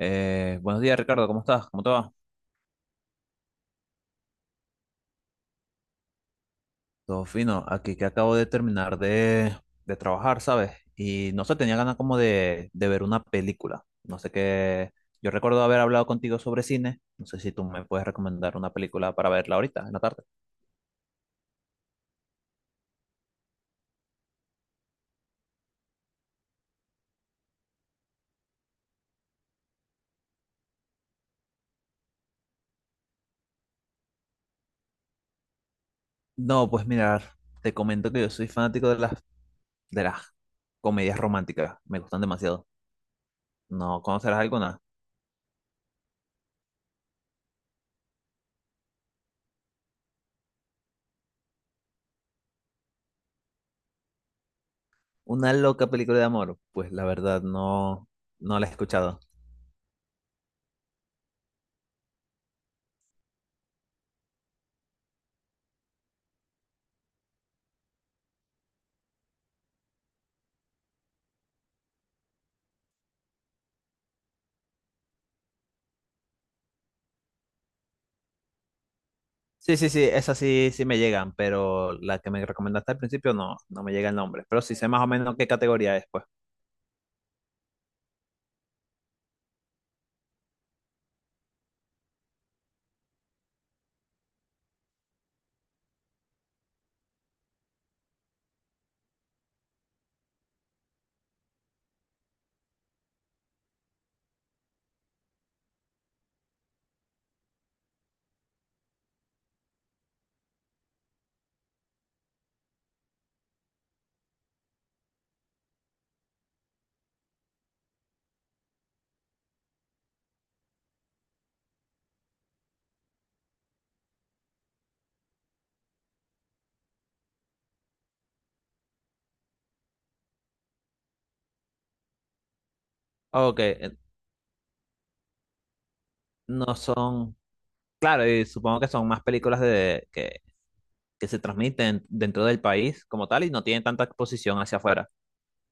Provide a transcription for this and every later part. Buenos días, Ricardo, ¿cómo estás? ¿Cómo te va? Todo fino, aquí que acabo de terminar de trabajar, ¿sabes? Y no sé, tenía ganas como de ver una película. No sé qué. Yo recuerdo haber hablado contigo sobre cine. No sé si tú me puedes recomendar una película para verla ahorita, en la tarde. No, pues mirar, te comento que yo soy fanático de de las comedias románticas. Me gustan demasiado. ¿No conocerás alguna? Una loca película de amor. Pues la verdad, no la he escuchado. Sí, sí, sí, esas sí, sí me llegan, pero la que me recomendaste al principio no me llega el nombre, pero sí sé más o menos qué categoría es, pues. Ok, no son, claro, y supongo que son más películas que se transmiten dentro del país como tal y no tienen tanta exposición hacia afuera.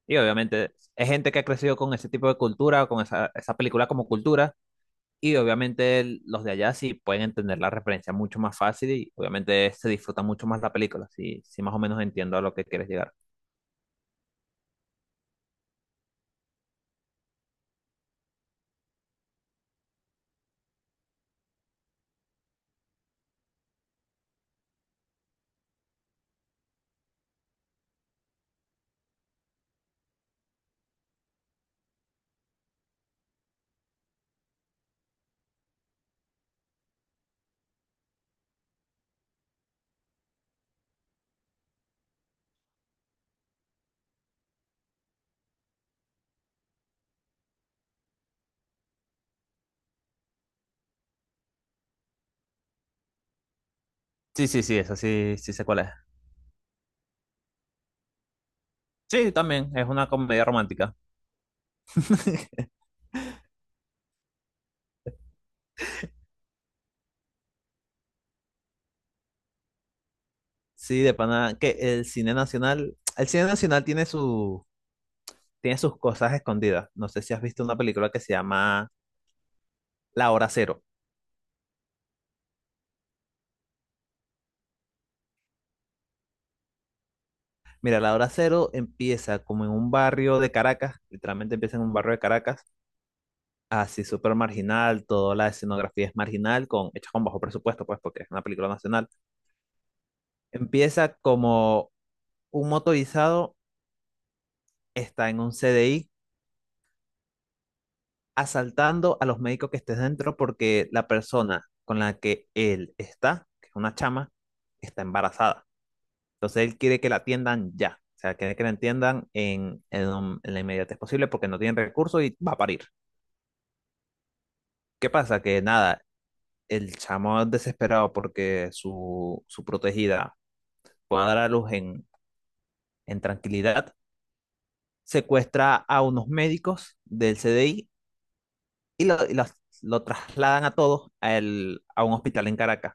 Y obviamente es gente que ha crecido con ese tipo de cultura, con esa película como cultura, y obviamente los de allá sí pueden entender la referencia mucho más fácil y obviamente se disfruta mucho más la película, sí, sí más o menos entiendo a lo que quieres llegar. Sí, sí, sí, esa sí, sí sé cuál es. Sí, también, es una comedia romántica. Sí, de pana, que el cine nacional tiene tiene sus cosas escondidas. No sé si has visto una película que se llama La Hora Cero. Mira, La Hora Cero empieza como en un barrio de Caracas, literalmente empieza en un barrio de Caracas, así súper marginal, toda la escenografía es marginal, con, hecha con bajo presupuesto, pues, porque es una película nacional. Empieza como un motorizado está en un CDI asaltando a los médicos que estés dentro porque la persona con la que él está, que es una chama, está embarazada. Entonces él quiere que la atiendan ya. O sea, quiere que la atiendan en la inmediatez posible porque no tienen recursos y va a parir. ¿Qué pasa? Que nada, el chamo es desesperado porque su protegida pueda dar a luz en tranquilidad, secuestra a unos médicos del CDI y, lo trasladan a todos a a un hospital en Caracas.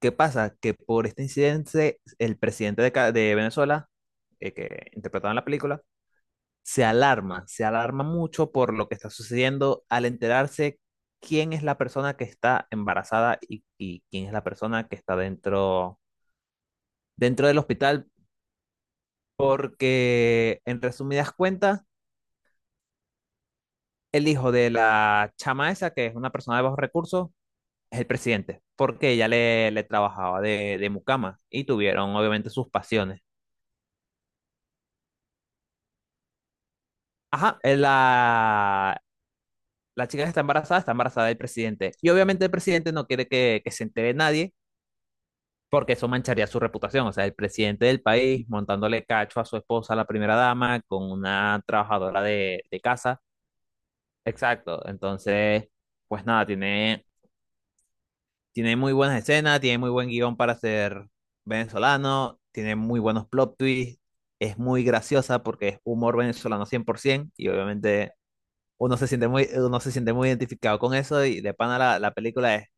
¿Qué pasa? Que por este incidente, el presidente de Venezuela, que interpretaba en la película, se alarma mucho por lo que está sucediendo al enterarse quién es la persona que está embarazada y quién es la persona que está dentro, dentro del hospital, porque en resumidas cuentas, el hijo de la chama esa, que es una persona de bajos recursos, es el presidente, porque ella le trabajaba de mucama y tuvieron obviamente sus pasiones. Ajá, la chica que está embarazada del presidente. Y obviamente el presidente no quiere que se entere nadie porque eso mancharía su reputación. O sea, el presidente del país montándole cacho a su esposa, la primera dama, con una trabajadora de casa. Exacto. Entonces, pues nada, tiene muy buenas escenas, tiene muy buen guión para ser venezolano, tiene muy buenos plot twists, es muy graciosa porque es humor venezolano 100% y obviamente uno se siente muy identificado con eso y de pana la película es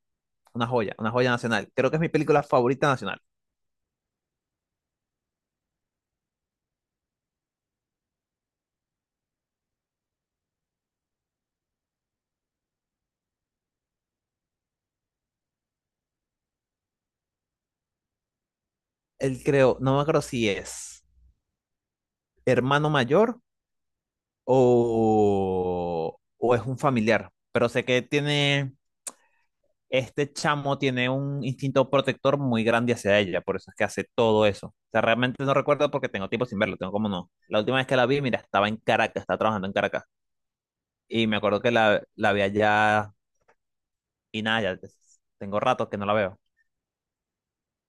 una joya nacional. Creo que es mi película favorita nacional. Él creo, no me acuerdo si es hermano mayor o es un familiar, pero sé que este chamo tiene un instinto protector muy grande hacia ella, por eso es que hace todo eso. O sea, realmente no recuerdo porque tengo tiempo sin verlo, tengo como no. La última vez que la vi, mira, estaba en Caracas, estaba trabajando en Caracas y me acuerdo que la vi allá y nada, ya tengo rato que no la veo.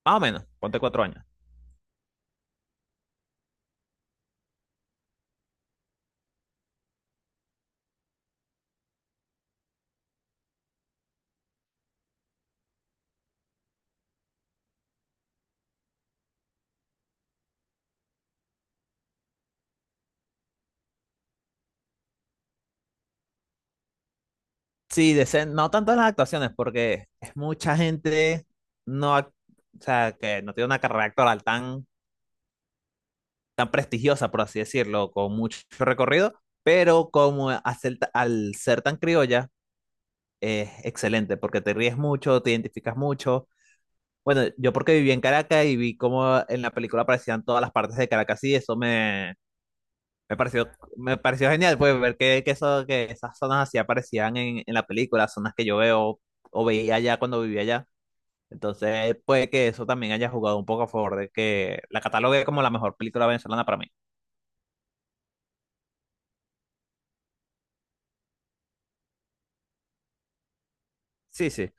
Más o menos, ponte 4 años. Sí, no tanto las actuaciones, porque es mucha gente no, ac- o sea, que no tiene una carrera actoral tan prestigiosa, por así decirlo, con mucho recorrido, pero como hacer al ser tan criolla, es excelente, porque te ríes mucho, te identificas mucho. Bueno, yo porque viví en Caracas y vi cómo en la película aparecían todas las partes de Caracas y eso me... Me pareció, me pareció genial, pues, ver que esas zonas así aparecían en la película, zonas que yo veo o veía allá cuando vivía allá. Entonces, puede que eso también haya jugado un poco a favor de que la catalogue como la mejor película venezolana para mí. Sí, sí,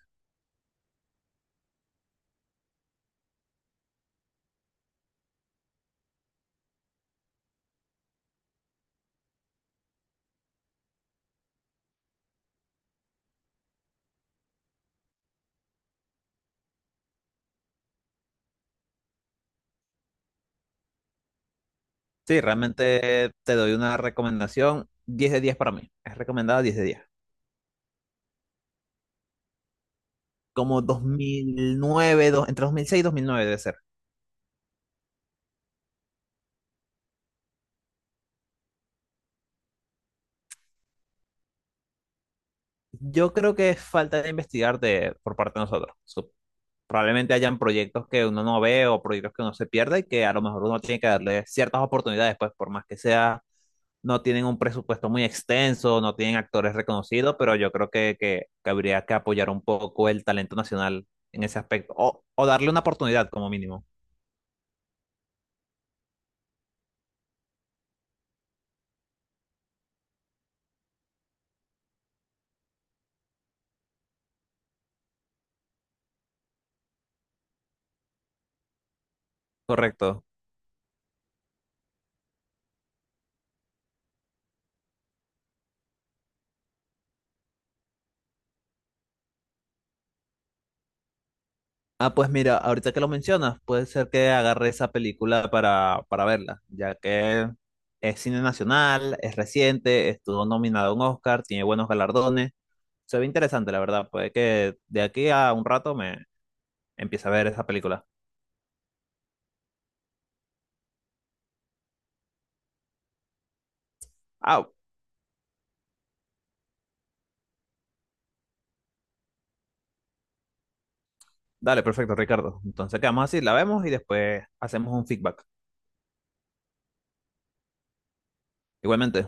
sí, realmente te doy una recomendación, 10 de 10 para mí. Es recomendada 10 de 10. Como 2009, dos- entre 2006 y 2009 debe ser. Yo creo que es falta de investigar de, por parte de nosotros. Probablemente hayan proyectos que uno no ve o proyectos que uno se pierde y que a lo mejor uno tiene que darle ciertas oportunidades, pues por más que sea, no tienen un presupuesto muy extenso, no tienen actores reconocidos, pero yo creo que habría que apoyar un poco el talento nacional en ese aspecto o darle una oportunidad como mínimo. Correcto. Ah, pues mira, ahorita que lo mencionas, puede ser que agarre esa película para verla, ya que es cine nacional, es reciente, estuvo nominado a un Oscar, tiene buenos galardones. Se ve interesante, la verdad. Puede que de aquí a un rato me empiece a ver esa película. Ah, dale, perfecto, Ricardo. Entonces quedamos así, la vemos y después hacemos un feedback. Igualmente.